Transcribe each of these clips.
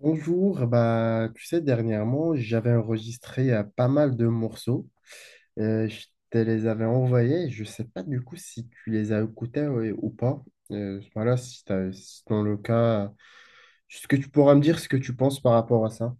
Bonjour, bah, tu sais, dernièrement, j'avais enregistré pas mal de morceaux. Je te les avais envoyés. Je sais pas du coup si tu les as écoutés ou pas. Voilà, si dans le cas, est-ce que tu pourras me dire ce que tu penses par rapport à ça?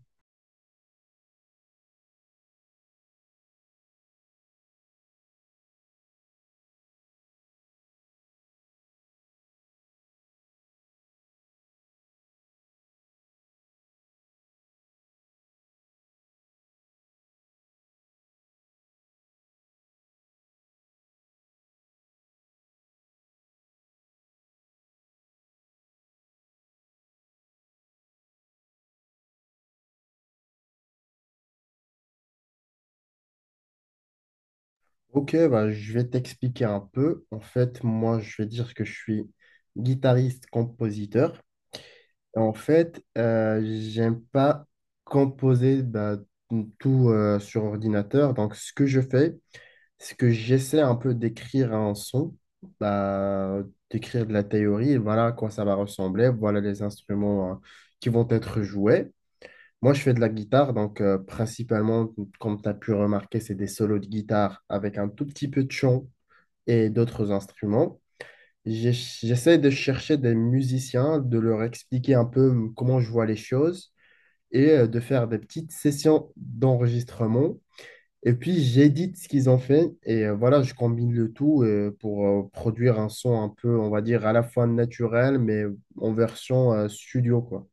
Ok, bah, je vais t'expliquer un peu. En fait, moi, je vais dire que je suis guitariste-compositeur. En fait, j'aime pas composer bah, tout sur ordinateur. Donc, ce que je fais, ce que j'essaie un peu d'écrire un son, bah, d'écrire de la théorie, voilà à quoi ça va ressembler, voilà les instruments hein, qui vont être joués. Moi, je fais de la guitare, donc principalement, comme tu as pu remarquer, c'est des solos de guitare avec un tout petit peu de chant et d'autres instruments. J'essaie de chercher des musiciens, de leur expliquer un peu comment je vois les choses et de faire des petites sessions d'enregistrement et puis j'édite ce qu'ils ont fait et voilà, je combine le tout pour produire un son un peu, on va dire, à la fois naturel, mais en version studio, quoi.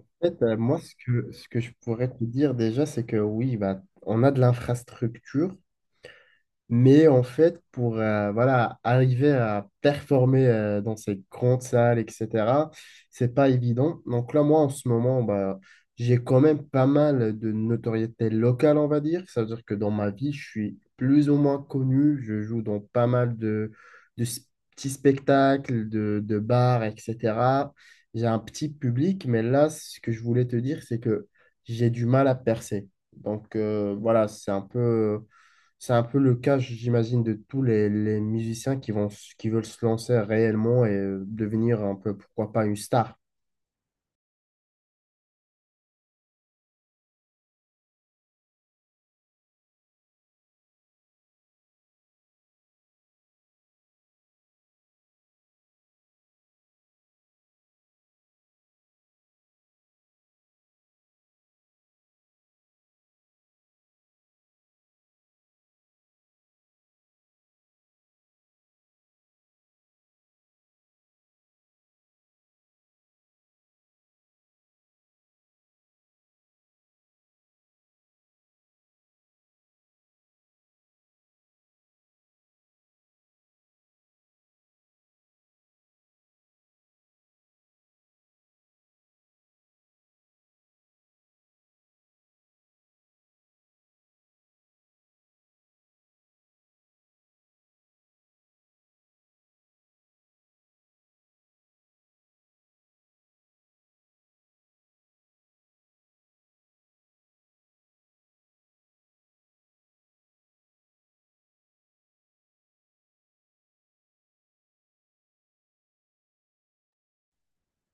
En fait, moi, ce que je pourrais te dire déjà, c'est que oui, bah, on a de l'infrastructure. Mais en fait, pour voilà, arriver à performer dans ces grandes salles, etc., c'est pas évident. Donc là, moi, en ce moment, bah, j'ai quand même pas mal de notoriété locale, on va dire. Ça veut dire que dans ma vie, je suis plus ou moins connu. Je joue dans pas mal de s- petits spectacles, de bars, etc. J'ai un petit public, mais là, ce que je voulais te dire, c'est que j'ai du mal à percer. Donc voilà, c'est un peu... C'est un peu le cas, j'imagine, de tous les musiciens qui veulent se lancer réellement et devenir un peu, pourquoi pas, une star.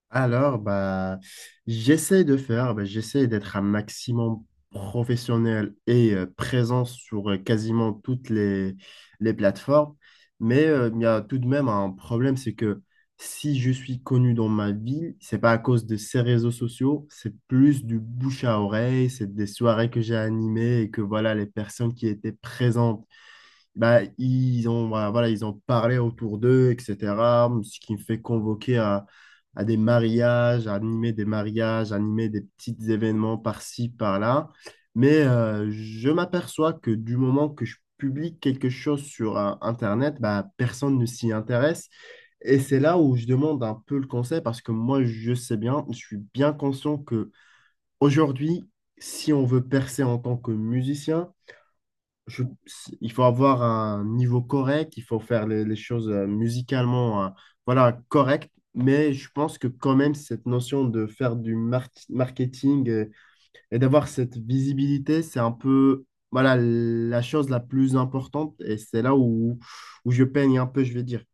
Alors, bah, j'essaie d'être un maximum professionnel et présent sur quasiment toutes les plateformes. Mais il y a tout de même un problème, c'est que si je suis connu dans ma ville, c'est pas à cause de ces réseaux sociaux, c'est plus du bouche à oreille, c'est des soirées que j'ai animées et que voilà, les personnes qui étaient présentes bah, ils ont parlé autour d'eux, etc. Ce qui me fait convoquer à des mariages, à animer des mariages, à animer des petits événements par-ci, par-là. Mais je m'aperçois que du moment que je publie quelque chose sur Internet, bah, personne ne s'y intéresse. Et c'est là où je demande un peu le conseil parce que moi, je sais bien, je suis bien conscient que aujourd'hui, si on veut percer en tant que musicien, je- il faut avoir un niveau correct, il faut faire les choses musicalement, voilà, correct. Mais je pense que quand même, cette notion de faire du marketing et, d'avoir cette visibilité, c'est un peu, voilà, la chose la plus importante. Et c'est où je peigne un peu, je vais dire.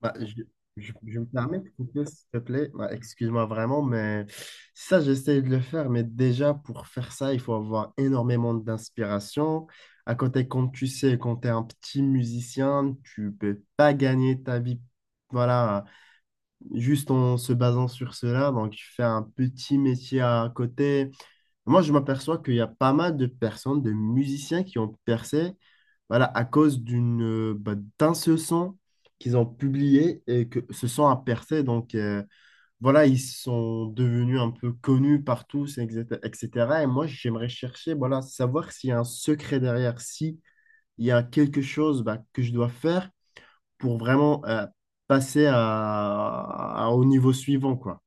Bah, je me permets de couper, s'il te plaît. Bah, excuse-moi vraiment, mais ça, j'essaie de le faire. Mais déjà, pour faire ça, il faut avoir énormément d'inspiration. À côté, comme tu sais, quand tu es un petit musicien, tu peux pas gagner ta vie. Voilà, juste en se basant sur cela. Donc, tu fais un petit métier à côté. Moi, je m'aperçois qu'il y a pas mal de personnes, de musiciens qui ont percé, voilà, à cause d'un seul son qu'ils ont publié et que ce son a percé. Donc, voilà, ils sont devenus un peu connus par tous, etc. etc. Et cetera. Et moi, j'aimerais chercher, voilà, savoir s'il y a un secret derrière, si il y a quelque chose, bah, que je dois faire pour vraiment, passer au niveau suivant, quoi.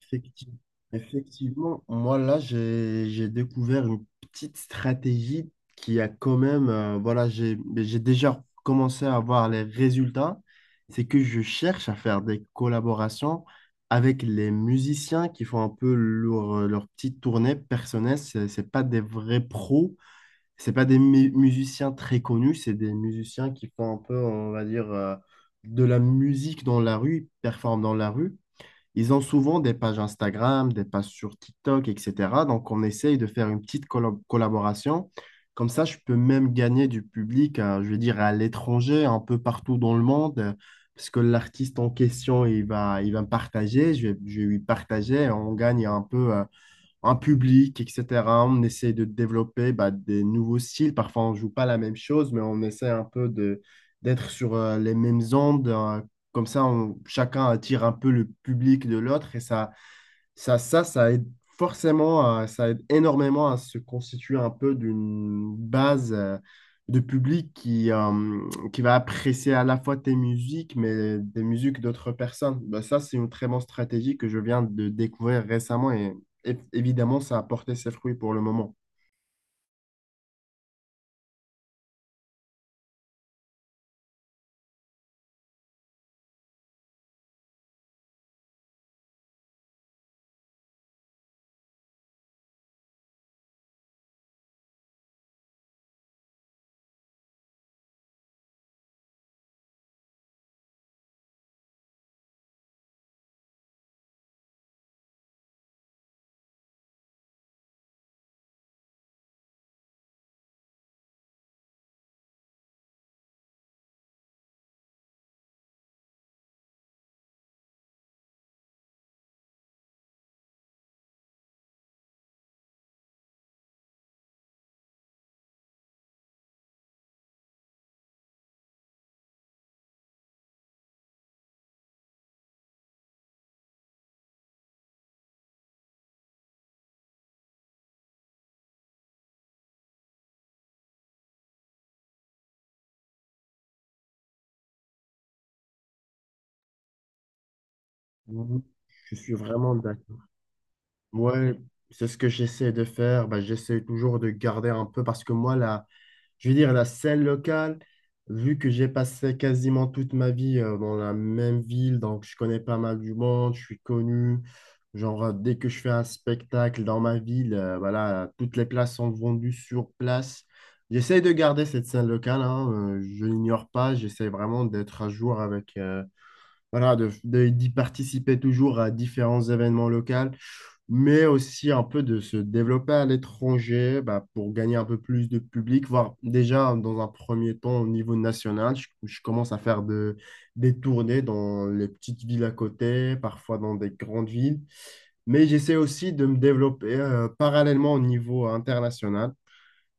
Effecti- Effectivement, moi là, j'ai découvert une petite stratégie qui a quand même, j'ai déjà commencé à voir les résultats. C'est que je cherche à faire des collaborations avec les musiciens qui font un peu leur, leur petite tournée personnelle. C'est pas des vrais pros, c'est pas des musiciens très connus, c'est des musiciens qui font un peu, on va dire, de la musique dans la rue, ils performent dans la rue. Ils ont souvent des pages Instagram, des pages sur TikTok, etc. Donc, on essaye de faire une petite collaboration. Comme ça, je peux même gagner du public, je veux dire, à l'étranger, un peu partout dans le monde, parce que l'artiste en question, il va me partager, je vais lui partager, on gagne un peu un public, etc. On essaie de développer bah, des nouveaux styles. Parfois, on ne joue pas la même chose, mais on essaie un peu de d'être sur les mêmes ondes. Comme ça, chacun attire un peu le public de l'autre et ça aide forcément, ça aide énormément à se constituer un peu d'une base de public qui va apprécier à la fois tes musiques, mais des musiques d'autres personnes. Bah, ça, c'est une très bonne stratégie que je viens de découvrir récemment et évidemment, ça a porté ses fruits pour le moment. Oui, je suis vraiment d'accord. Ouais, c'est ce que j'essaie de faire. Bah, j'essaie toujours de garder un peu parce que moi, je veux dire, la scène locale, vu que j'ai passé quasiment toute ma vie dans la même ville, donc je connais pas mal du monde, je suis connu. Genre, dès que je fais un spectacle dans ma ville, voilà, toutes les places sont vendues sur place. J'essaie de garder cette scène locale, hein, je l'ignore pas, j'essaie vraiment d'être à jour avec, voilà, d'y participer toujours à différents événements locaux, mais aussi un peu de se développer à l'étranger bah, pour gagner un peu plus de public, voire déjà dans un premier temps au niveau national. Je commence à faire des tournées dans les petites villes à côté, parfois dans des grandes villes, mais j'essaie aussi de me développer parallèlement au niveau international.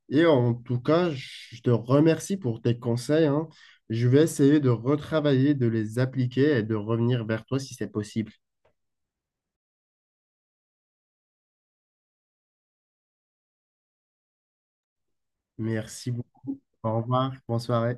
Et en tout cas, je te remercie pour tes conseils, hein. Je vais essayer de retravailler, de les appliquer et de revenir vers toi si c'est possible. Merci beaucoup. Au revoir. Bonne soirée.